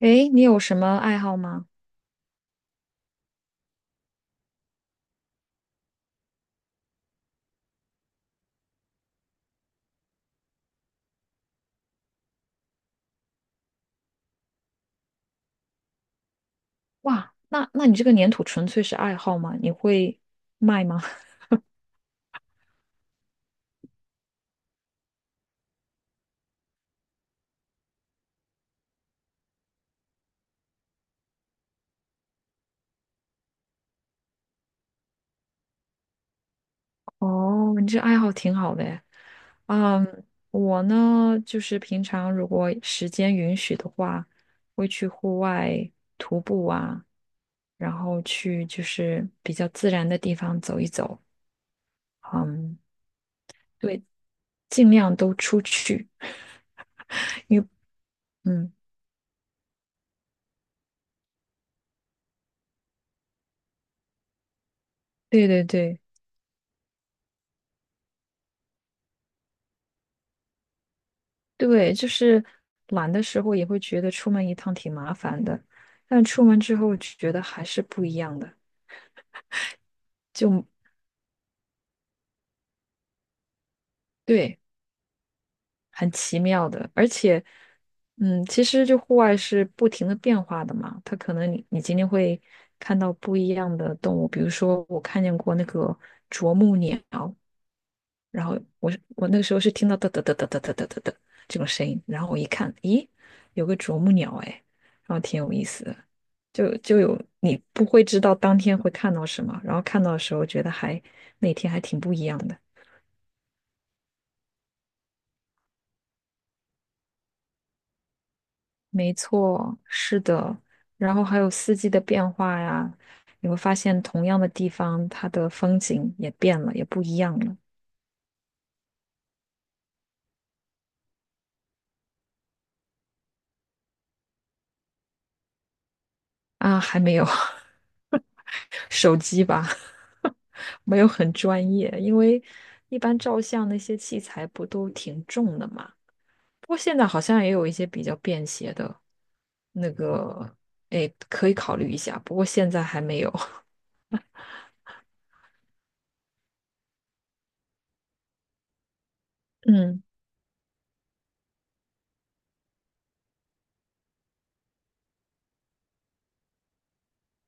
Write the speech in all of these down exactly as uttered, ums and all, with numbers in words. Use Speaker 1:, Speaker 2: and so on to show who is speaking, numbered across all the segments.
Speaker 1: 诶，你有什么爱好吗？哇，那那你这个粘土纯粹是爱好吗？你会卖吗？哦，你这爱好挺好的诶。嗯，我呢，就是平常如果时间允许的话，会去户外徒步啊，然后去就是比较自然的地方走一走。嗯，对，尽量都出去，因为嗯，对对对。对，就是懒的时候也会觉得出门一趟挺麻烦的，但出门之后觉得还是不一样的，就对，很奇妙的。而且，嗯，其实就户外是不停的变化的嘛，它可能你你今天会看到不一样的动物，比如说我看见过那个啄木鸟，然后我是我那个时候是听到哒哒哒哒哒哒哒哒哒这种声音，然后我一看，咦，有个啄木鸟哎，然后挺有意思的，就就有你不会知道当天会看到什么，然后看到的时候觉得还那天还挺不一样的。没错，是的，然后还有四季的变化呀，你会发现同样的地方，它的风景也变了，也不一样了。啊，还没有 手机吧，没有很专业，因为一般照相那些器材不都挺重的嘛。不过现在好像也有一些比较便携的，那个，哎，可以考虑一下。不过现在还没有。嗯，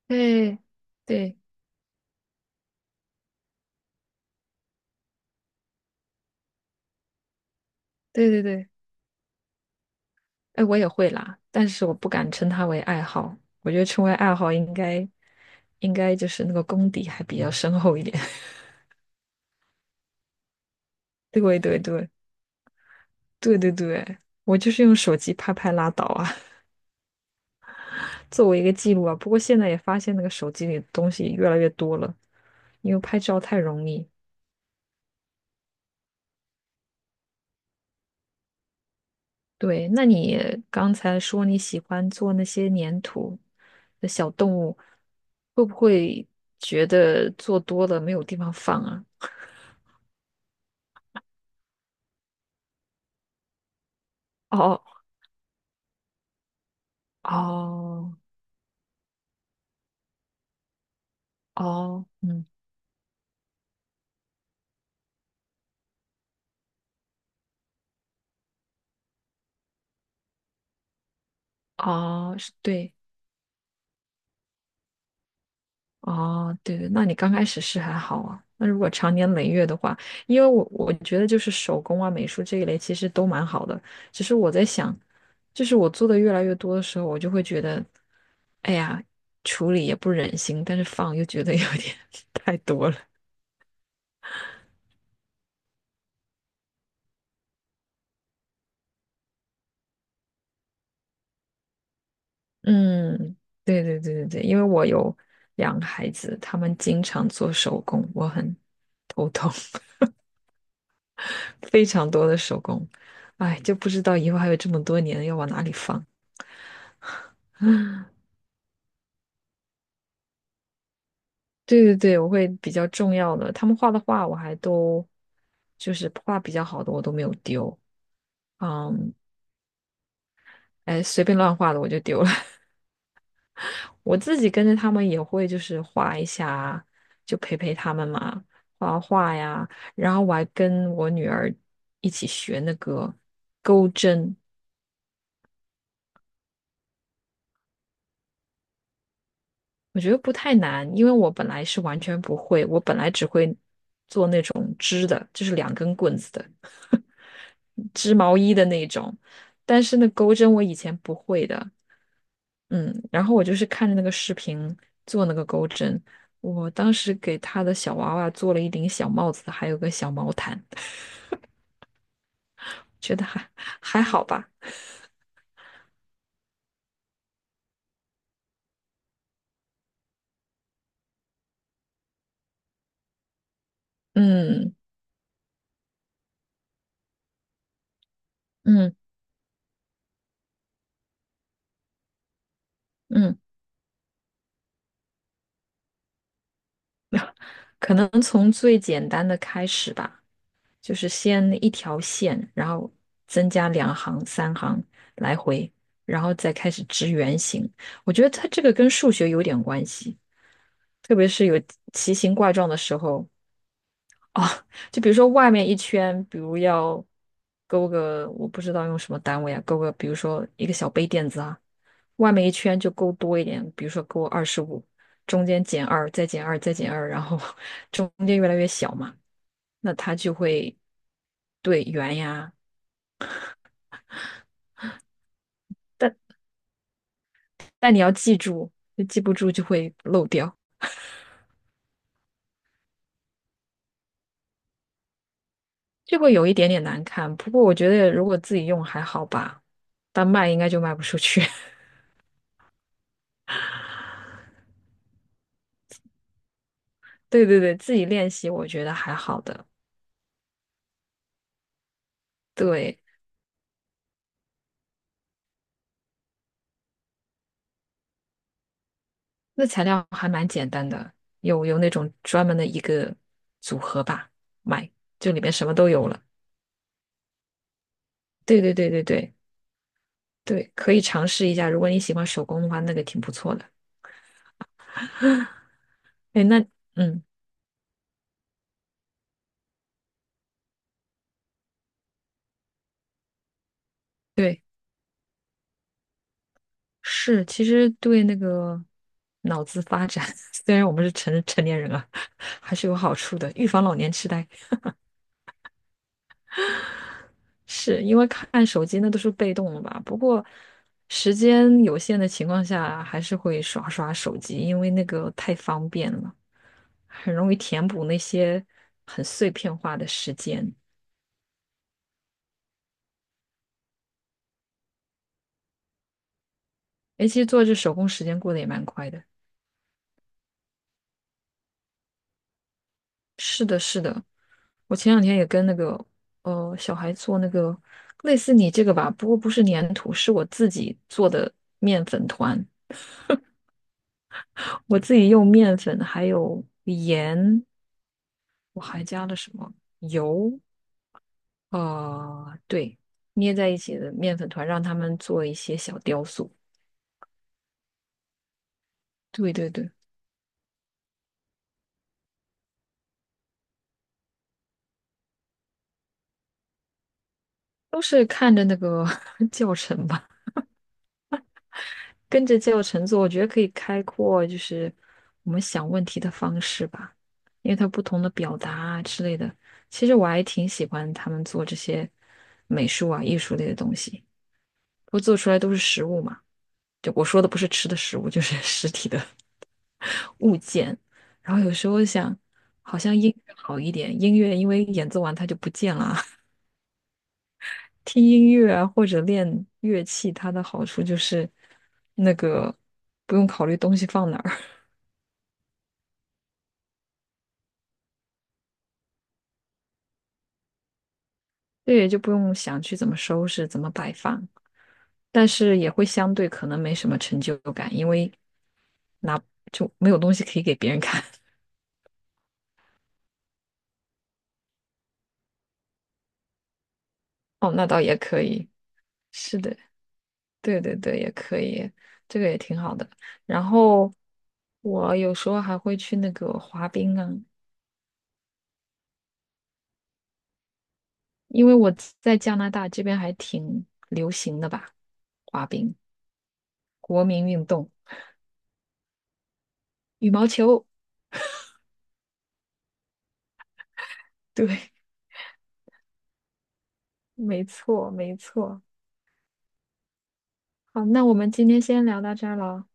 Speaker 1: 对，对，对对对，哎，我也会啦，但是我不敢称它为爱好。我觉得称为爱好应该，应该就是那个功底还比较深厚一点。对对对。对对对，我就是用手机拍拍拉倒啊，作为一个记录啊。不过现在也发现那个手机里的东西越来越多了，因为拍照太容易。对，那你刚才说你喜欢做那些粘土的小动物，会不会觉得做多了没有地方放啊？哦哦哦，嗯，哦，是对。哦，对对，那你刚开始是还好啊。那如果长年累月的话，因为我我觉得就是手工啊、美术这一类其实都蛮好的，只是我在想，就是我做的越来越多的时候，我就会觉得，哎呀，处理也不忍心，但是放又觉得有点 太多了。嗯，对对对对对，因为我有两个孩子，他们经常做手工，我很头痛，非常多的手工，哎，就不知道以后还有这么多年要往哪里放。对对对，我会比较重要的，他们画的画我还都就是画比较好的我都没有丢，嗯，哎，随便乱画的我就丢了。我自己跟着他们也会就是画一下，就陪陪他们嘛，画画呀。然后我还跟我女儿一起学那个钩针，我觉得不太难，因为我本来是完全不会，我本来只会做那种织的，就是两根棍子的。织毛衣的那种，但是那钩针我以前不会的，嗯，然后我就是看着那个视频做那个钩针，我当时给他的小娃娃做了一顶小帽子，还有个小毛毯，觉得还还好吧，嗯嗯嗯，可能从最简单的开始吧，就是先一条线，然后增加两行、三行来回，然后再开始织圆形，我觉得它这个跟数学有点关系。特别是有奇形怪状的时候，就比如说外面一圈，比如要勾个，我不知道用什么单位啊，勾个，比如说一个小杯垫子啊，外面一圈就勾多一点，比如说勾二十五，中间减二，再减二，再减二，然后 中间越来越小嘛，那它就会对圆呀，但但你要记住，就记不住就会漏掉，就会有一点点难看。不过我觉得如果自己用还好吧，但卖应该就卖不出去。对对对，自己练习我觉得还好的。对，那材料还蛮简单的，有有那种专门的一个组合吧，买，就里面什么都有了。对对对对对对，可以尝试一下。如果你喜欢手工的话，那个挺不错的。哎，那嗯，对，是，其实对那个脑子发展，虽然我们是成成年人了，还是有好处的，预防老年痴呆。是因为看手机那都是被动的吧？不过时间有限的情况下，还是会刷刷手机，因为那个太方便了，很容易填补那些很碎片化的时间。诶，其实做这手工时间过得也蛮快的。是的，是的，我前两天也跟那个呃小孩做那个类似你这个吧，不过不是粘土，是我自己做的面粉团，我自己用面粉还有盐，我还加了什么油。哦，对，捏在一起的面粉团，让他们做一些小雕塑。对对对，都是看着那个 教程吧，跟着教程做，我觉得可以开阔就是我们想问题的方式吧，因为它不同的表达啊之类的。其实我还挺喜欢他们做这些美术啊、艺术类的东西，不过做出来都是实物嘛。就我说的不是吃的食物，就是 实体的。物件，然后有时候想，好像音乐好一点，音乐因为演奏完它就不见了。听音乐啊，或者练乐器，它的好处就是那个不用考虑东西放哪儿，对，就不用想去怎么收拾、怎么摆放，但是也会相对可能没什么成就感，因为就没有东西可以给别人看。哦，那倒也可以，是的，对对对，也可以，这个也挺好的。然后我有时候还会去那个滑冰啊，因为我在加拿大这边还挺流行的吧，滑冰，国民运动，羽毛球，对，没错，没错。好，那我们今天先聊到这儿了，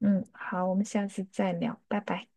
Speaker 1: 嗯，好，我们下次再聊，拜拜。